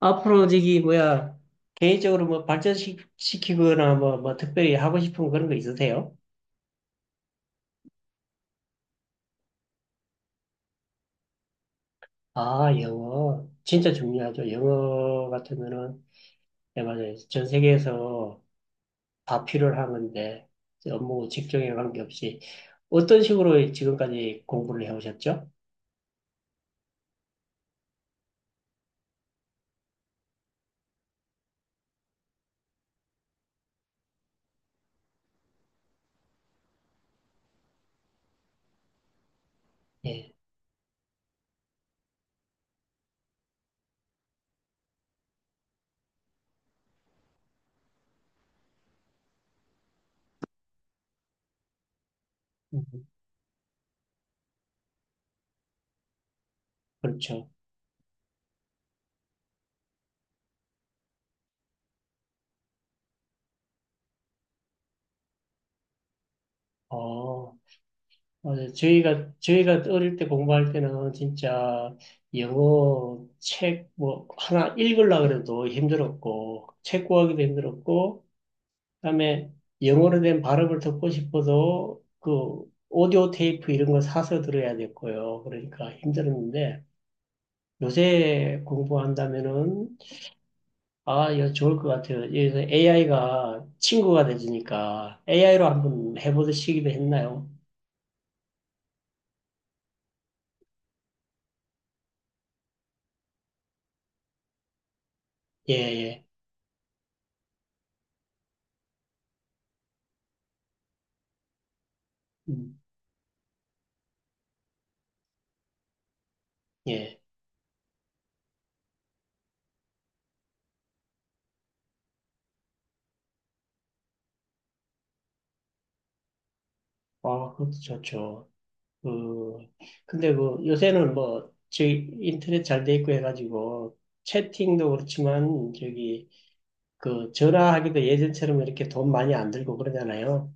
앞으로 저기 뭐야 개인적으로 뭐 발전시키거나 뭐 특별히 하고 싶은 그런 거 있으세요? 아, 영어 진짜 중요하죠. 영어 같으면은 네, 맞아요. 전 세계에서 다 필요한 건데 업무 직종에 관계없이 어떤 식으로 지금까지 공부를 해오셨죠? 예, 음, 그렇죠. 어, 맞아요. 저희가 어릴 때 공부할 때는 진짜 영어 책 뭐 하나 읽으려고 그래도 힘들었고, 책 구하기도 힘들었고, 그다음에 영어로 된 발음을 듣고 싶어도 그 오디오 테이프 이런 거 사서 들어야 됐고요. 그러니까 힘들었는데, 요새 공부한다면은, 아, 이거 좋을 것 같아요. 여기서 AI가 친구가 되니까 AI로 한번 해보듯이기도 했나요? 예, 예. 음, 예. 아, 그것도 좋죠. 그, 근데 요새는 뭐, 인터넷 잘 돼 있고 해가지고, 채팅도 그렇지만, 전화하기도 예전처럼 이렇게 돈 많이 안 들고 그러잖아요.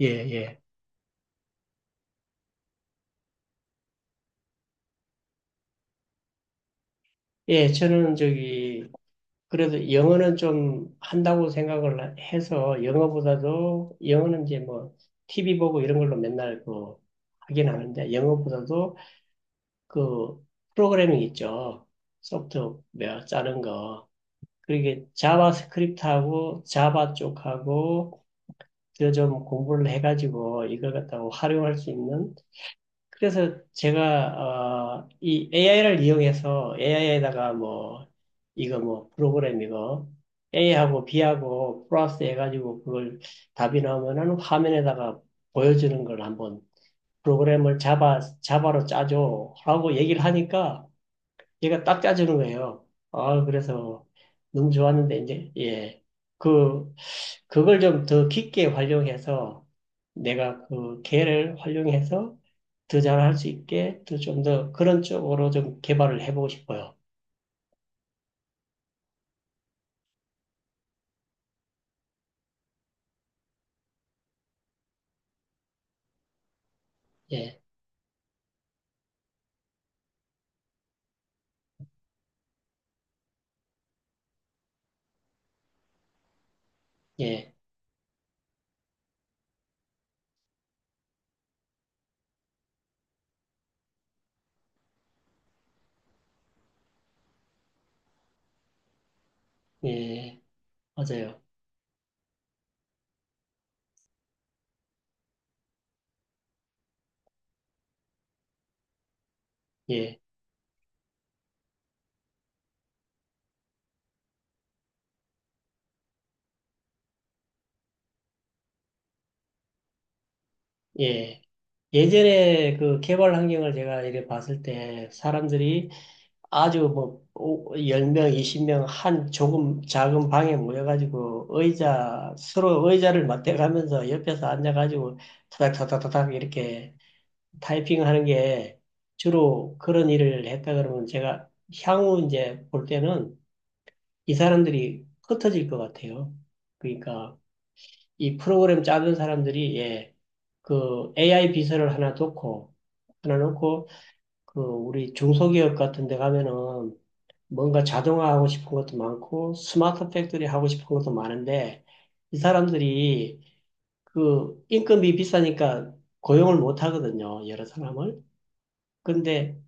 예, 예. 예, 저는 그래도 영어는 좀 한다고 생각을 해서, 영어보다도, 영어는 이제 뭐, TV 보고 이런 걸로 맨날 하긴 하는데, 영어보다도 그, 프로그래밍 있죠. 소프트웨어 짜는 거. 그렇게 자바스크립트하고 자바 쪽하고 그좀 공부를 해가지고 이걸 갖다가 활용할 수 있는 그래서 제가 이 AI를 이용해서 AI에다가 뭐 이거 뭐 프로그램 이거 A하고 B하고 플러스 해가지고 그걸 답이 나오면은 화면에다가 보여주는 걸 한번 프로그램을 자바로 짜줘라고 얘기를 하니까 얘가 딱 짜주는 거예요. 아, 그래서 너무 좋았는데, 이제, 예. 그, 그걸 좀 더 깊게 활용해서 내가 그 개를 활용해서 더 잘할 수 있게 더 좀 더 그런 쪽으로 좀 개발을 해보고 싶어요. 예, 예, 예. 맞아요. 예, 예. 예전에 그 개발 환경을 제가 이렇게 봤을 때 사람들이 아주 뭐, 열 10명, 20명 한 조금 작은 방에 모여가지고 의자, 서로 의자를 맞대가면서 옆에서 앉아가지고 타닥타닥타닥 이렇게 타이핑하는 게 주로 그런 일을 했다 그러면 제가 향후 이제 볼 때는 이 사람들이 흩어질 것 같아요. 그러니까 이 프로그램 짜는 사람들이 예, 그 AI 비서를 하나 놓고 그 우리 중소기업 같은 데 가면은 뭔가 자동화하고 싶은 것도 많고 스마트 팩토리 하고 싶은 것도 많은데 이 사람들이 그 인건비 비싸니까 고용을 못 하거든요. 여러 사람을. 근데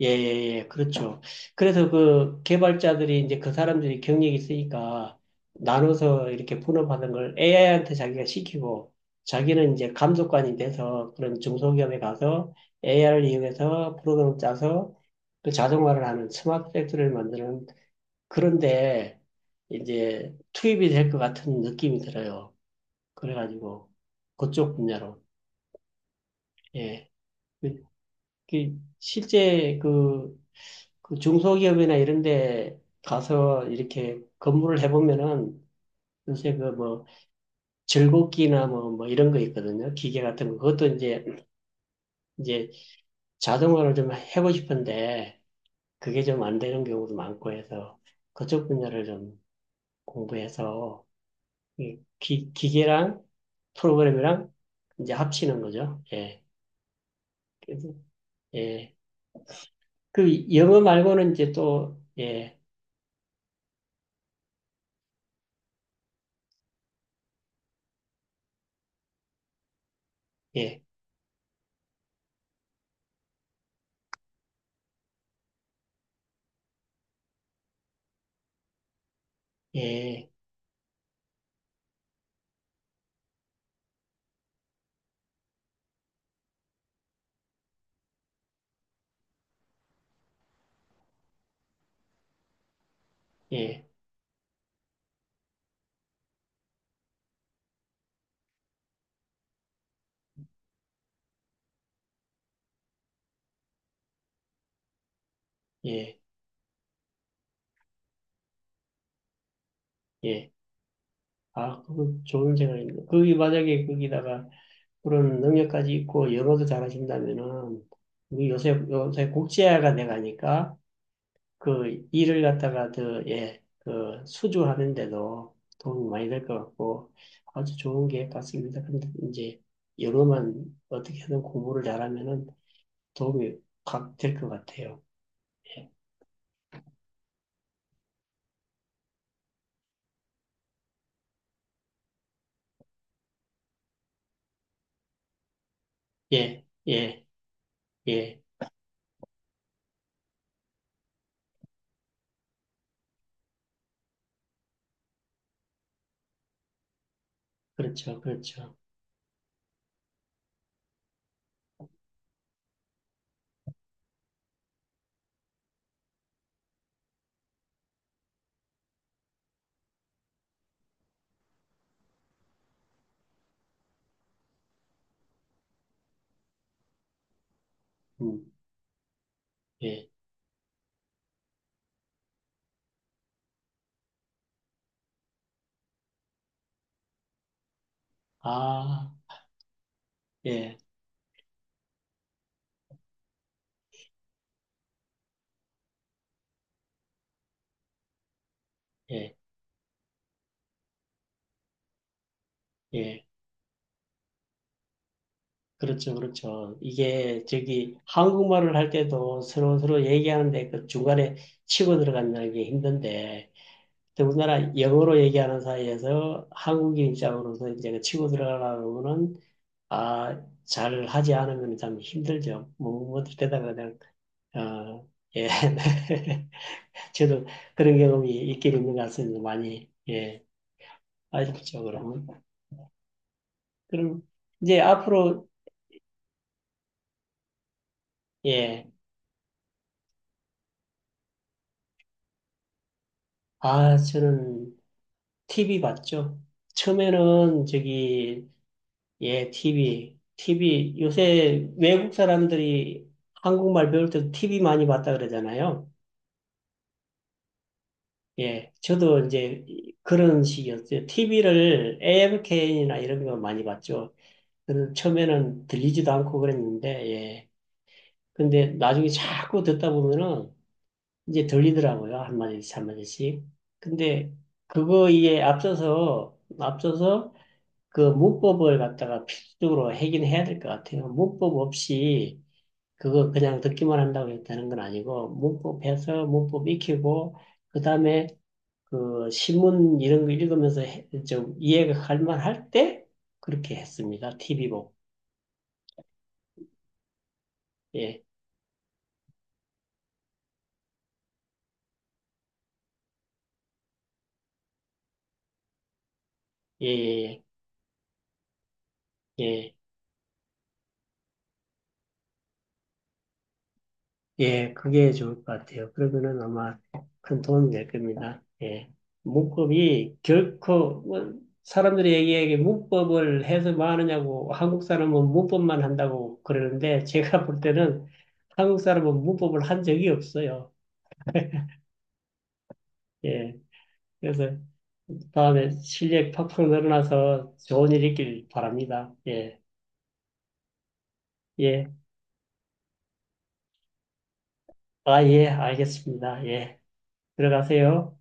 예, 예, 예, 그렇죠. 그래서 그 개발자들이 이제 그 사람들이 경력이 있으니까 나눠서 이렇게 분업하는 걸 AI한테 자기가 시키고 자기는 이제 감독관이 돼서 그런 중소기업에 가서 AI를 이용해서 프로그램을 짜서 그 자동화를 하는 스마트 팩토리를 만드는 그런데 이제 투입이 될 것 같은 느낌이 들어요. 그래가지고 그쪽 분야로. 예. 그- 그 실제 그 그 중소기업이나 이런 데 가서 이렇게 근무를 해보면은 요새 그 뭐 즐겁기나 뭐 이런 거 있거든요. 기계 같은 거. 그것도 이제, 이제 자동화를 좀 하고 싶은데 그게 좀 안 되는 경우도 많고 해서 그쪽 분야를 좀 공부해서 이 기계랑 프로그램이랑 이제 합치는 거죠. 예. 그래서, 예. 그 영어 말고는 이제 또, 예, 예, 예, 예, 예, 예. 아, 그거 좋은 생각입니다. 거기 만약에 거기다가 그런 능력까지 있고 영어도 잘하신다면은 우리 요새 국제화가 돼가니까 그 일을 갖다가 더 예, 그 수주하는데도 도움이 많이 될 것 같고 아주 좋은 계획 같습니다. 근데 이제 영어만 어떻게든 공부를 잘하면은 도움이 확 될 것 같아요. 예, 예, 예, 예. 그렇죠, 그렇죠. 음, 예, 아, 예, 예, 예. 그렇죠, 그렇죠. 이게 저기 한국말을 할 때도 서로 서로 얘기하는데 그 중간에 치고 들어간다는 게 힘든데 더군다나 영어로 얘기하는 사이에서 한국인 입장으로서 이제 그 치고 들어가려면은 아, 잘 하지 않으면 참 힘들죠. 뭐 되다가 그냥 어, 예. 저도 그런 경험이 있긴 있는 것 같습니다. 많이, 예. 아쉽죠, 그러면. 그럼, 이제 앞으로, 예. 아, 저는 TV 봤죠? 처음에는 예, TV. TV, 요새 외국 사람들이 한국말 배울 때도 TV 많이 봤다 그러잖아요. 예, 저도 이제 그런 식이었어요. TV를 AMKN이나 이런 거 많이 봤죠. 저는 처음에는 들리지도 않고 그랬는데, 예. 근데 나중에 자꾸 듣다 보면은 이제 들리더라고요. 한마디씩, 한마디씩. 근데 그거에 앞서서 그 문법을 갖다가 필수적으로 하긴 해야 될 것 같아요. 문법 없이 그거 그냥 듣기만 한다고 했다는 건 아니고 문법해서 문법 익히고 그다음에 그 신문 이런 거 읽으면서 해- 좀 이해가 갈 만할 때 그렇게 했습니다. TV 보고. 예, 예, 예, 예. 예. 예, 그게 좋을 것 같아요. 그러면은 아마 큰 도움이 될 겁니다. 예. 문법이 결코, 뭐, 사람들이 얘기하기에 문법을 해서 뭐 하느냐고, 한국 사람은 문법만 한다고 그러는데, 제가 볼 때는 한국 사람은 문법을 한 적이 없어요. 예. 그래서 다음에 실력 팍팍 늘어나서 좋은 일 있길 바랍니다. 예. 예. 아, 예. 알겠습니다. 예. 들어가세요.